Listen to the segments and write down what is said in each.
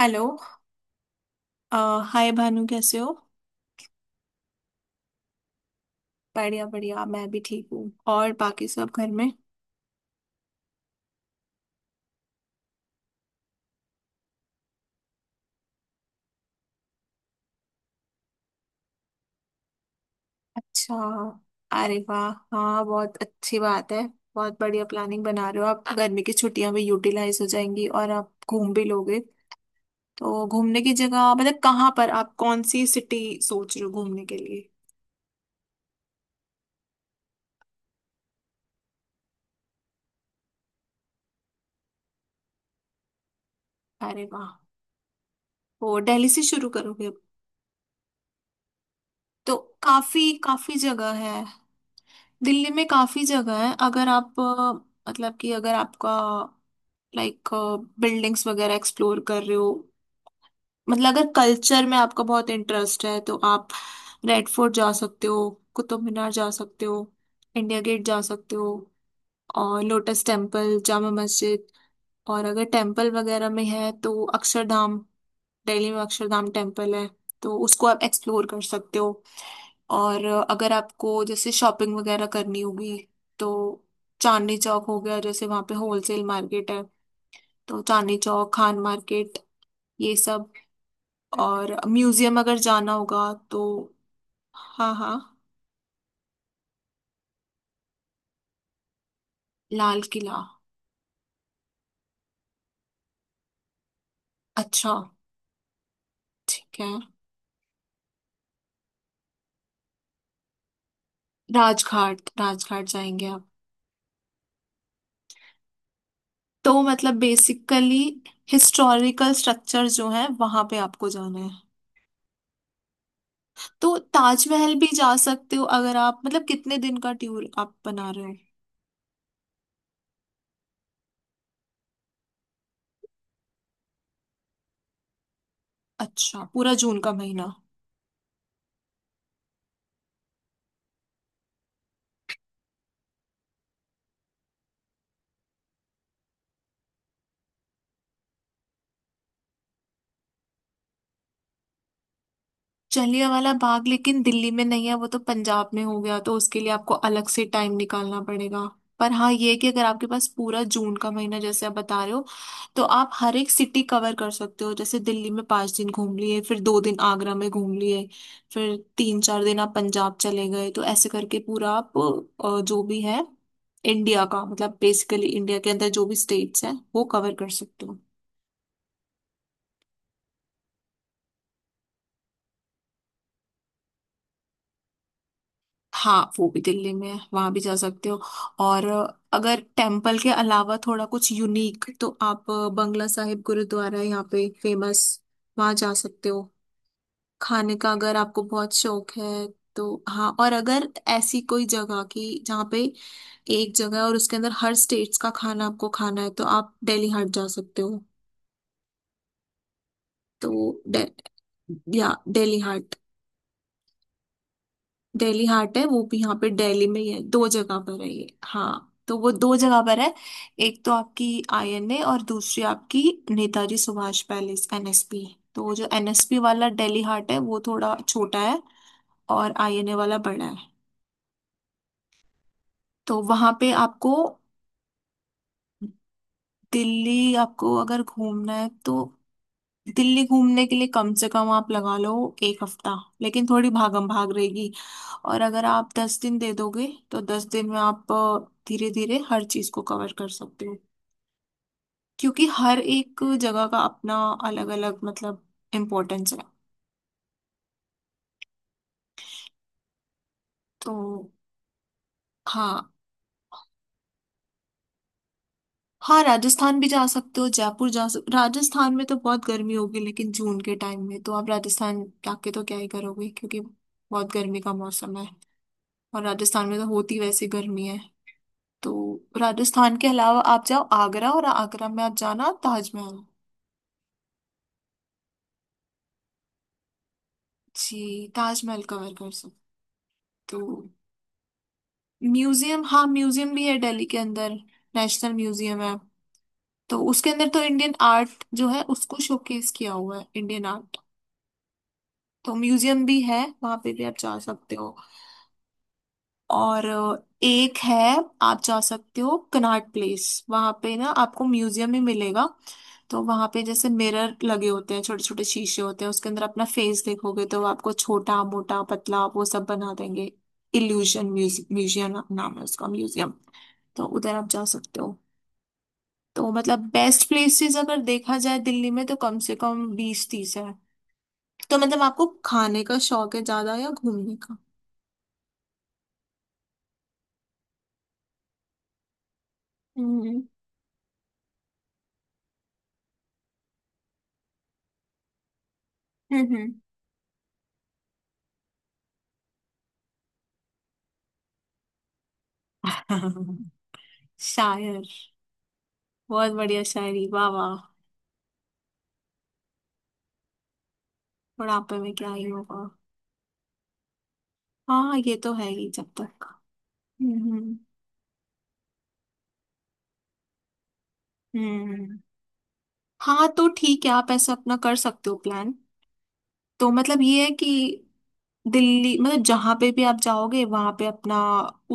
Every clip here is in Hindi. हेलो। अ, हाय भानु कैसे हो। बढ़िया बढ़िया, मैं भी ठीक हूँ। और बाकी सब घर में? अच्छा, अरे वाह, हाँ बहुत अच्छी बात है। बहुत बढ़िया प्लानिंग बना रहे हो आप, गर्मी की छुट्टियां भी यूटिलाइज हो जाएंगी और आप घूम भी लोगे। तो घूमने की जगह मतलब कहाँ पर आप कौन सी सिटी सोच रहे हो घूमने के लिए? अरे वाह, वो दिल्ली से शुरू करोगे अब, तो काफी काफी जगह है। दिल्ली में काफी जगह है। अगर आप मतलब कि अगर आपका लाइक बिल्डिंग्स वगैरह एक्सप्लोर कर रहे हो, मतलब अगर कल्चर में आपका बहुत इंटरेस्ट है, तो आप रेड फोर्ट जा सकते हो, कुतुब मीनार जा सकते हो, इंडिया गेट जा सकते हो, और लोटस टेम्पल, जामा मस्जिद। और अगर टेम्पल वगैरह में है तो अक्षरधाम, दिल्ली में अक्षरधाम टेम्पल है, तो उसको आप एक्सप्लोर कर सकते हो। और अगर आपको जैसे शॉपिंग वगैरह करनी होगी तो चांदनी चौक हो गया, जैसे वहाँ पे होलसेल मार्केट है। तो चांदनी चौक, खान मार्केट, ये सब। हम्म, और म्यूजियम अगर जाना होगा तो। हाँ हाँ। लाल किला। अच्छा। ठीक है। राजघाट, राजघाट जाएंगे आप। तो मतलब बेसिकली हिस्टोरिकल स्ट्रक्चर जो है वहां पे आपको जाना है, तो ताजमहल भी जा सकते हो। अगर आप मतलब कितने दिन का टूर आप बना रहे हो? अच्छा पूरा जून का महीना। जलियांवाला बाग लेकिन दिल्ली में नहीं है, वो तो पंजाब में हो गया, तो उसके लिए आपको अलग से टाइम निकालना पड़ेगा। पर हाँ ये है कि अगर आपके पास पूरा जून का महीना जैसे आप बता रहे हो, तो आप हर एक सिटी कवर कर सकते हो। जैसे दिल्ली में 5 दिन घूम लिए, फिर 2 दिन आगरा में घूम लिए, फिर 3 4 दिन आप पंजाब चले गए। तो ऐसे करके पूरा आप जो भी है इंडिया का, मतलब बेसिकली इंडिया के अंदर जो भी स्टेट्स हैं वो कवर कर सकते हो। हाँ वो भी दिल्ली में है, वहां भी जा सकते हो। और अगर टेम्पल के अलावा थोड़ा कुछ यूनिक, तो आप बंगला साहिब गुरुद्वारा है यहाँ पे फेमस, वहां जा सकते हो। खाने का अगर आपको बहुत शौक है तो। हाँ, और अगर ऐसी कोई जगह की जहाँ पे एक जगह है और उसके अंदर हर स्टेट्स का खाना आपको खाना है, तो आप दिल्ली हाट जा सकते हो। तो या दिल्ली हाट। दिल्ली हाट है, वो भी यहाँ पे दिल्ली में ही है। दो जगह पर है ये, हाँ तो वो दो जगह पर है। एक तो आपकी आईएनए और दूसरी आपकी नेताजी सुभाष पैलेस, एनएसपी। तो वो जो एनएसपी वाला दिल्ली हाट है वो थोड़ा छोटा है, और आईएनए वाला बड़ा है। तो वहां पे आपको। दिल्ली आपको अगर घूमना है तो दिल्ली घूमने के लिए कम से कम आप लगा लो एक हफ्ता, लेकिन थोड़ी भागम भाग रहेगी। और अगर आप 10 दिन दे दोगे, तो 10 दिन में आप धीरे धीरे हर चीज को कवर कर सकते हो, क्योंकि हर एक जगह का अपना अलग अलग मतलब इम्पोर्टेंस है। तो हाँ। हाँ राजस्थान भी जा सकते हो, जयपुर जा सकते। राजस्थान में तो बहुत गर्मी होगी, लेकिन जून के टाइम में तो आप राजस्थान जाके तो क्या ही करोगे, क्योंकि बहुत गर्मी का मौसम है। और राजस्थान में तो होती वैसे गर्मी है। तो राजस्थान के अलावा आप जाओ आगरा, और आगरा में आप जाना ताजमहल। जी, ताजमहल कवर कर सकते हो। म्यूजियम, हाँ म्यूजियम भी है दिल्ली के अंदर, नेशनल म्यूजियम है। तो उसके अंदर तो इंडियन आर्ट जो है उसको शोकेस किया हुआ है, इंडियन आर्ट। तो म्यूजियम भी है, वहां पे भी आप जा सकते हो। और एक है, आप जा सकते हो कनॉट प्लेस, वहां पे ना आपको म्यूजियम ही मिलेगा। तो वहां पे जैसे मिरर लगे होते हैं, छोटे छोटे शीशे होते हैं, उसके अंदर अपना फेस देखोगे तो वो आपको छोटा, मोटा, पतला, वो सब बना देंगे। इल्यूशन म्यूजियम नाम है उसका म्यूजियम। तो उधर आप जा सकते हो। तो मतलब बेस्ट प्लेसेस अगर देखा जाए दिल्ली में तो कम से कम 20 30 है। तो मतलब आपको खाने का शौक है ज्यादा या घूमने का? हम्म हम्म हम्म। शायर, बहुत बढ़िया शायरी, वाह वाह। बुढ़ापे में क्या ही होगा। हाँ ये तो है ही। जब तक। हम्म हम्म। हाँ तो ठीक है, आप ऐसा अपना कर सकते हो प्लान। तो मतलब ये है कि दिल्ली, मतलब जहाँ पे भी आप जाओगे वहाँ पे अपना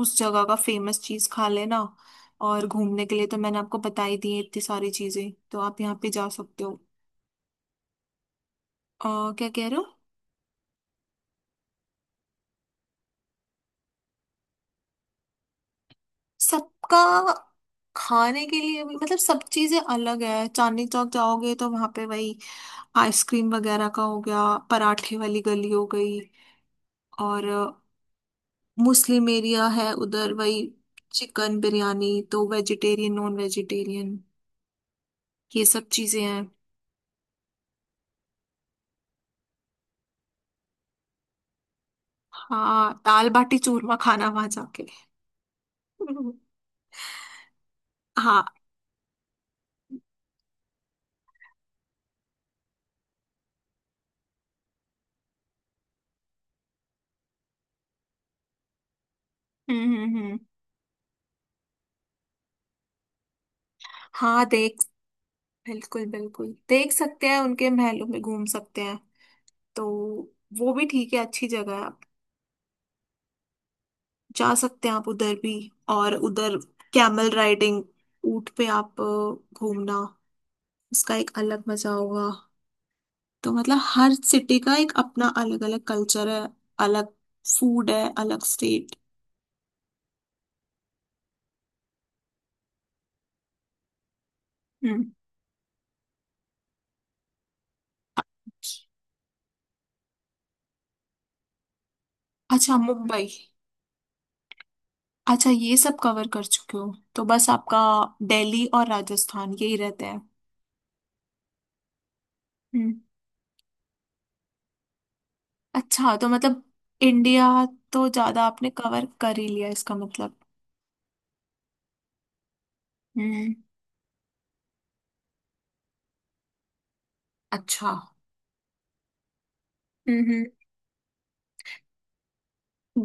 उस जगह का फेमस चीज खा लेना। और घूमने के लिए तो मैंने आपको बता ही दी है इतनी सारी चीजें, तो आप यहाँ पे जा सकते हो। क्या कह रहे हो? सबका खाने के लिए भी मतलब सब चीजें अलग है। चांदनी चौक जाओगे तो वहां पे वही आइसक्रीम वगैरह का हो गया, पराठे वाली गली हो गई, और मुस्लिम एरिया है उधर, वही चिकन बिरयानी, तो वेजिटेरियन, नॉन वेजिटेरियन, ये सब चीजें हैं। हाँ दाल बाटी चूरमा खाना वहां जाके। हाँ हम्म हम्म हम्म। हाँ देख, बिल्कुल बिल्कुल देख सकते हैं, उनके महलों में घूम सकते हैं। तो वो भी ठीक है, अच्छी जगह है, जा सकते हैं आप उधर भी। और उधर कैमल राइडिंग, ऊंट पे आप घूमना, उसका एक अलग मजा होगा। तो मतलब हर सिटी का एक अपना अलग अलग कल्चर है, अलग फूड है, अलग स्टेट। हम्म, अच्छा, मुंबई। अच्छा ये सब कवर कर चुके हो, तो बस आपका दिल्ली और राजस्थान यही रहते हैं। हम्म, अच्छा तो मतलब इंडिया तो ज्यादा आपने कवर कर ही लिया, इसका मतलब। हम्म, अच्छा।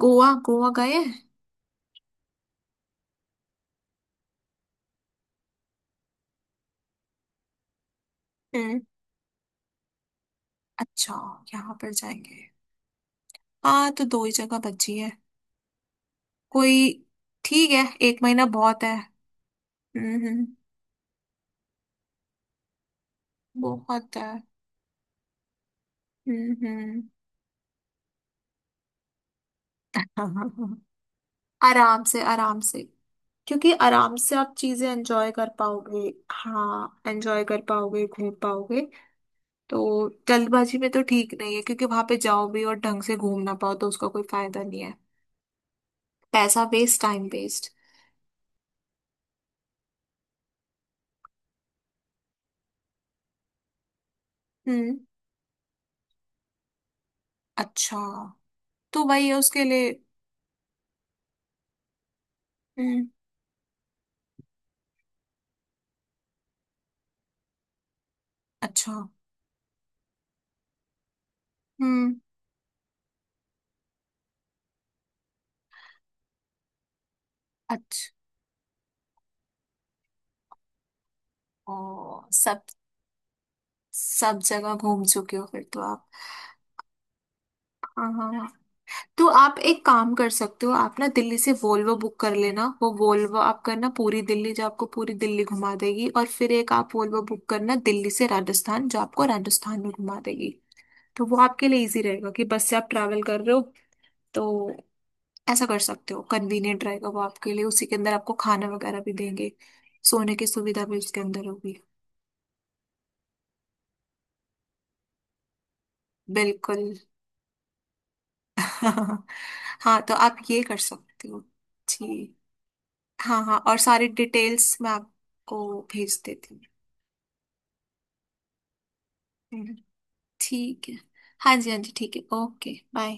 गोवा, गोवा गए हैं? हम्म, अच्छा, यहाँ पर जाएंगे। हाँ तो दो ही जगह बची है, कोई, ठीक है, एक महीना बहुत है। हम्म हम्म, बहुत है। हम्म। आराम से, आराम से, क्योंकि आराम से आप चीजें एंजॉय कर पाओगे, हाँ एंजॉय कर पाओगे, घूम पाओगे। तो जल्दबाजी में तो ठीक नहीं है, क्योंकि वहां पे जाओ भी और ढंग से घूम ना पाओ तो उसका कोई फायदा नहीं है। पैसा वेस्ट, टाइम वेस्ट। हम्म, अच्छा तो वही है उसके लिए। हम्म, अच्छा। हम्म, अच्छा। ओ, सब, सब जगह घूम चुके हो फिर तो आप। हाँ हाँ हाँ। तो आप एक काम कर सकते हो, आप ना दिल्ली से वोल्वो बुक कर लेना, वो वोल्वो आप करना पूरी दिल्ली, जो आपको पूरी दिल्ली घुमा देगी। और फिर एक आप वोल्वो बुक करना दिल्ली से राजस्थान, जो आपको राजस्थान में घुमा देगी। तो वो आपके लिए इजी रहेगा कि बस से आप ट्रैवल कर रहे हो। तो ऐसा कर सकते हो, कन्वीनियंट रहेगा वो आपके लिए, उसी के अंदर आपको खाना वगैरह भी देंगे, सोने की सुविधा भी उसके अंदर होगी। बिल्कुल। हाँ तो आप ये कर सकते हो। जी, हाँ हाँ, और सारी डिटेल्स मैं आपको भेज देती हूँ। हम्म, ठीक है। हाँ जी, हाँ जी, ठीक है, ओके बाय।